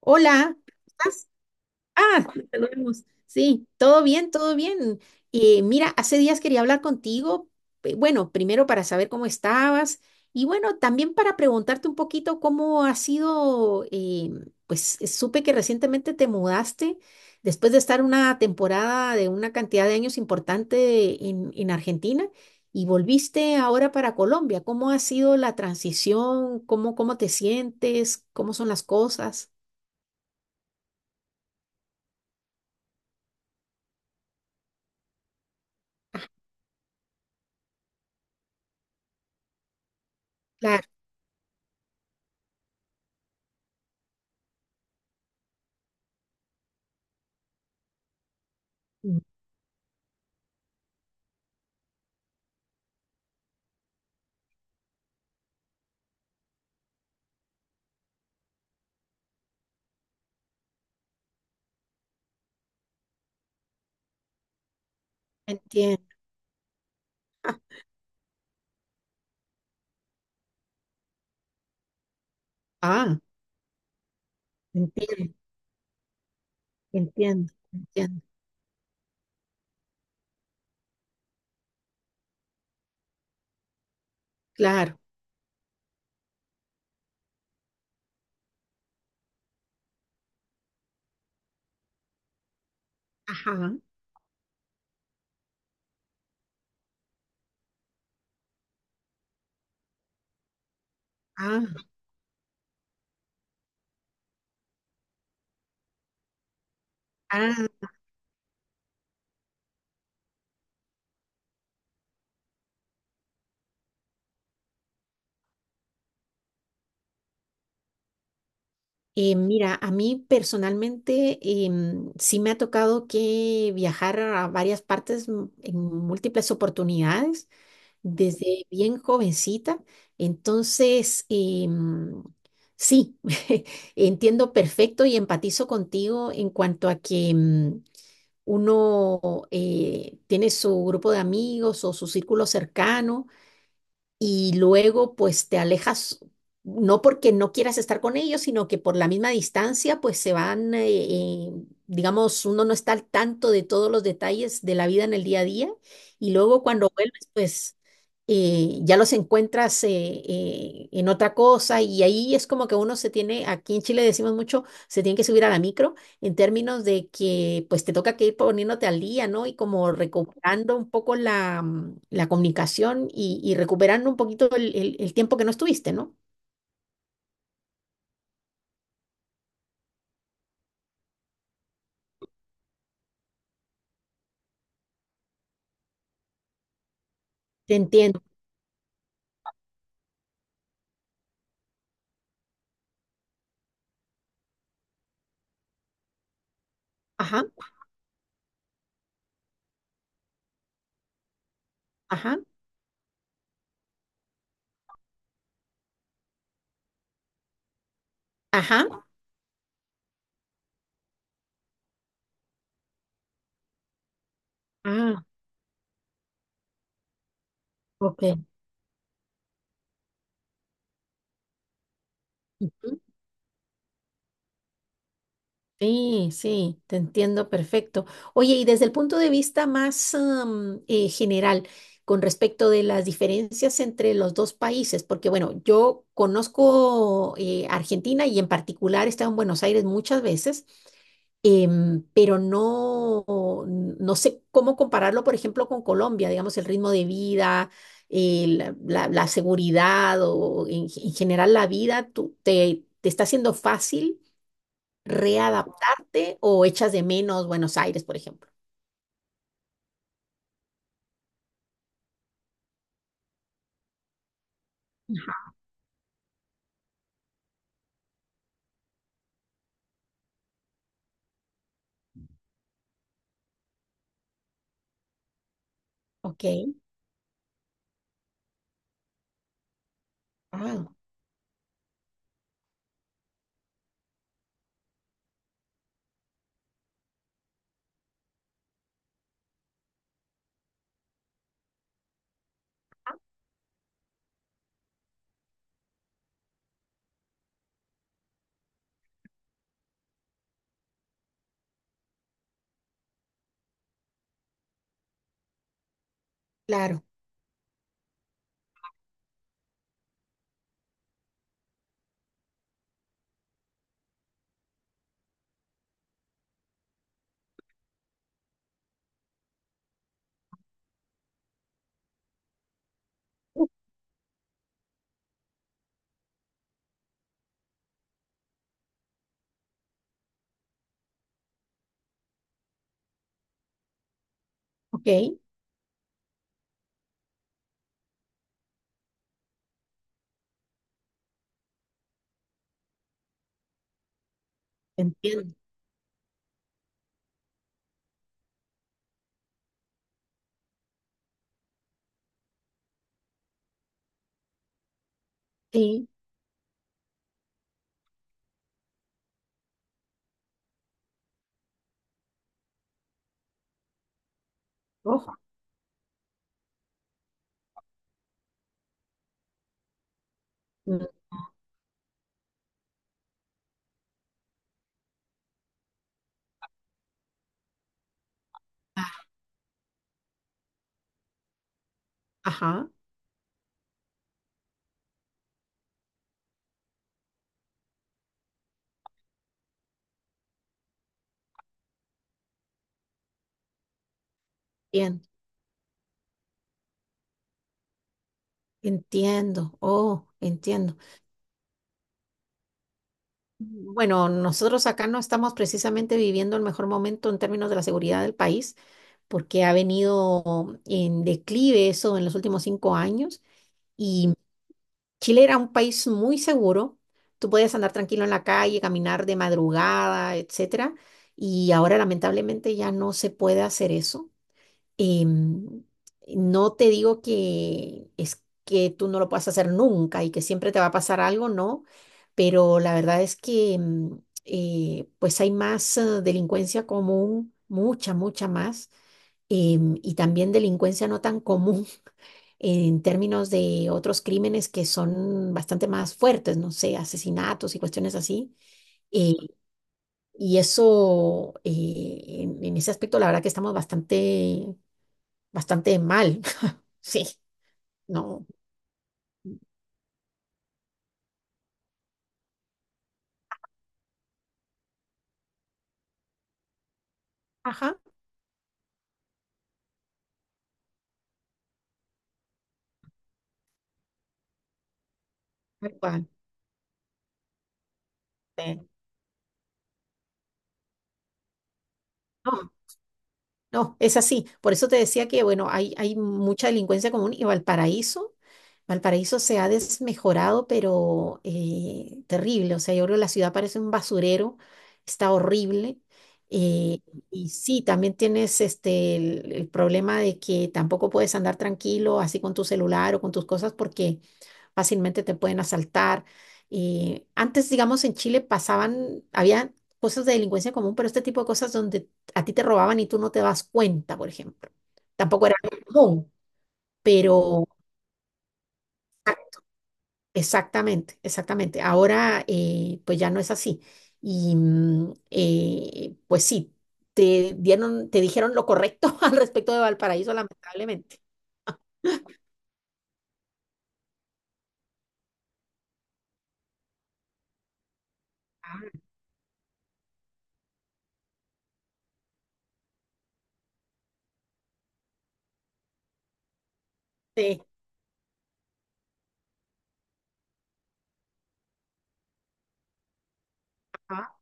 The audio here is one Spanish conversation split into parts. Hola, ¿estás? Ah, nos saludamos. Sí, todo bien, todo bien. Mira, hace días quería hablar contigo. Bueno, primero para saber cómo estabas y bueno, también para preguntarte un poquito cómo ha sido, pues supe que recientemente te mudaste después de estar una temporada de una cantidad de años importante en Argentina y volviste ahora para Colombia. ¿Cómo ha sido la transición? ¿Cómo te sientes? ¿Cómo son las cosas? Claro. Mm. Entiendo. Ah, entiendo, entiendo, entiendo. Claro. Ajá. Ah, ah. Mira, a mí personalmente sí me ha tocado que viajar a varias partes en múltiples oportunidades desde bien jovencita. Entonces, sí. Entiendo perfecto y empatizo contigo en cuanto a que uno tiene su grupo de amigos o su círculo cercano y luego pues te alejas, no porque no quieras estar con ellos, sino que por la misma distancia pues se van, digamos, uno no está al tanto de todos los detalles de la vida en el día a día y luego cuando vuelves pues. Ya los encuentras en otra cosa y ahí es como que uno se tiene, aquí en Chile decimos mucho, se tiene que subir a la micro en términos de que pues te toca que ir poniéndote al día, ¿no? Y como recuperando un poco la comunicación y recuperando un poquito el tiempo que no estuviste, ¿no? Te entiendo. Ajá, ajá, ajá. Ah, ok. Sí, sí, te entiendo perfecto. Oye, y desde el punto de vista más general, con respecto de las diferencias entre los dos países, porque bueno, yo conozco Argentina y en particular he estado en Buenos Aires muchas veces, pero no, no sé cómo compararlo, por ejemplo, con Colombia, digamos, el ritmo de vida, la seguridad o en general la vida, ¿te está siendo fácil readaptarte o echas de menos Buenos Aires, por ejemplo? Ok. Ah, claro. Uh. Ok. Entiendo. Sí. Ojo. Mm. Ah. Ajá. Bien. Entiendo. Oh, entiendo. Bueno, nosotros acá no estamos precisamente viviendo el mejor momento en términos de la seguridad del país, porque ha venido en declive eso en los últimos cinco años. Y Chile era un país muy seguro, tú podías andar tranquilo en la calle, caminar de madrugada, etcétera, y ahora lamentablemente ya no se puede hacer eso. Em, no te digo que es que tú no lo puedas hacer nunca y que siempre te va a pasar algo, no, pero la verdad es que pues hay más delincuencia común, mucha, mucha más, y también delincuencia no tan común en términos de otros crímenes que son bastante más fuertes, no sé, asesinatos y cuestiones así. eh, y eso, en ese aspecto, la verdad que estamos bastante, bastante mal. Sí, no. Ajá. Tal cual, sí. No, no, es así. Por eso te decía que, bueno, hay mucha delincuencia común y Valparaíso, Valparaíso se ha desmejorado, pero terrible. O sea, yo creo que la ciudad parece un basurero, está horrible. eh, y sí, también tienes este, el problema de que tampoco puedes andar tranquilo así con tu celular o con tus cosas porque fácilmente te pueden asaltar. Y antes, digamos, en Chile pasaban, había cosas de delincuencia común, pero este tipo de cosas donde a ti te robaban y tú no te das cuenta, por ejemplo. Tampoco era muy común, pero ah, exactamente, exactamente. Ahora, pues ya no es así. Y pues sí, te dijeron lo correcto al respecto de Valparaíso, lamentablemente. Ah, sí. Ah,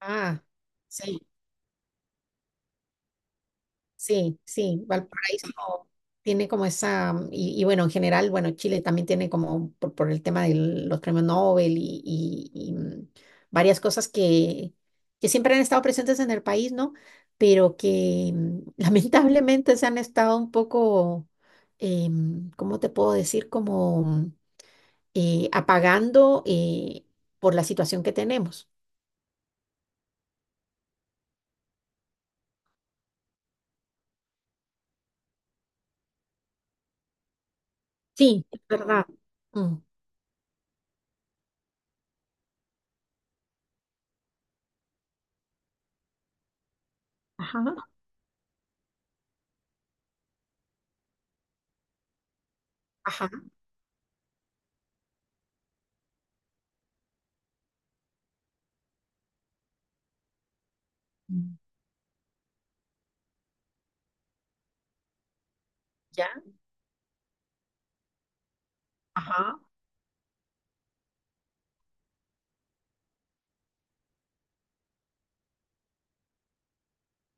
ah, sí. Sí, sí, Valparaíso tiene como esa, y bueno, en general, bueno, Chile también tiene como por el tema de los premios Nobel y varias cosas que siempre han estado presentes en el país, ¿no? Pero que lamentablemente se han estado un poco, ¿cómo te puedo decir? Como apagando por la situación que tenemos. Sí, es verdad. Mm. Ajá, ajá. Mm. ¿Ya? Ajá,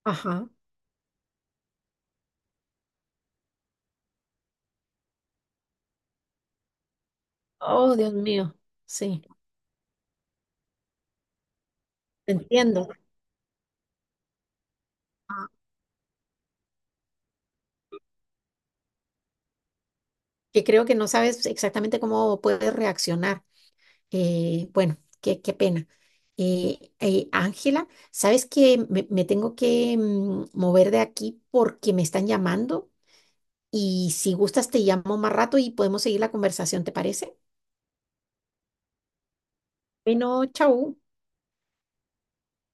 ajá. Oh, Dios mío, sí, te entiendo. Ah. Que creo que no sabes exactamente cómo puedes reaccionar. Bueno, qué, qué pena. Ángela, sabes que me tengo que mover de aquí porque me están llamando y si gustas te llamo más rato y podemos seguir la conversación, ¿te parece? Bueno, chau.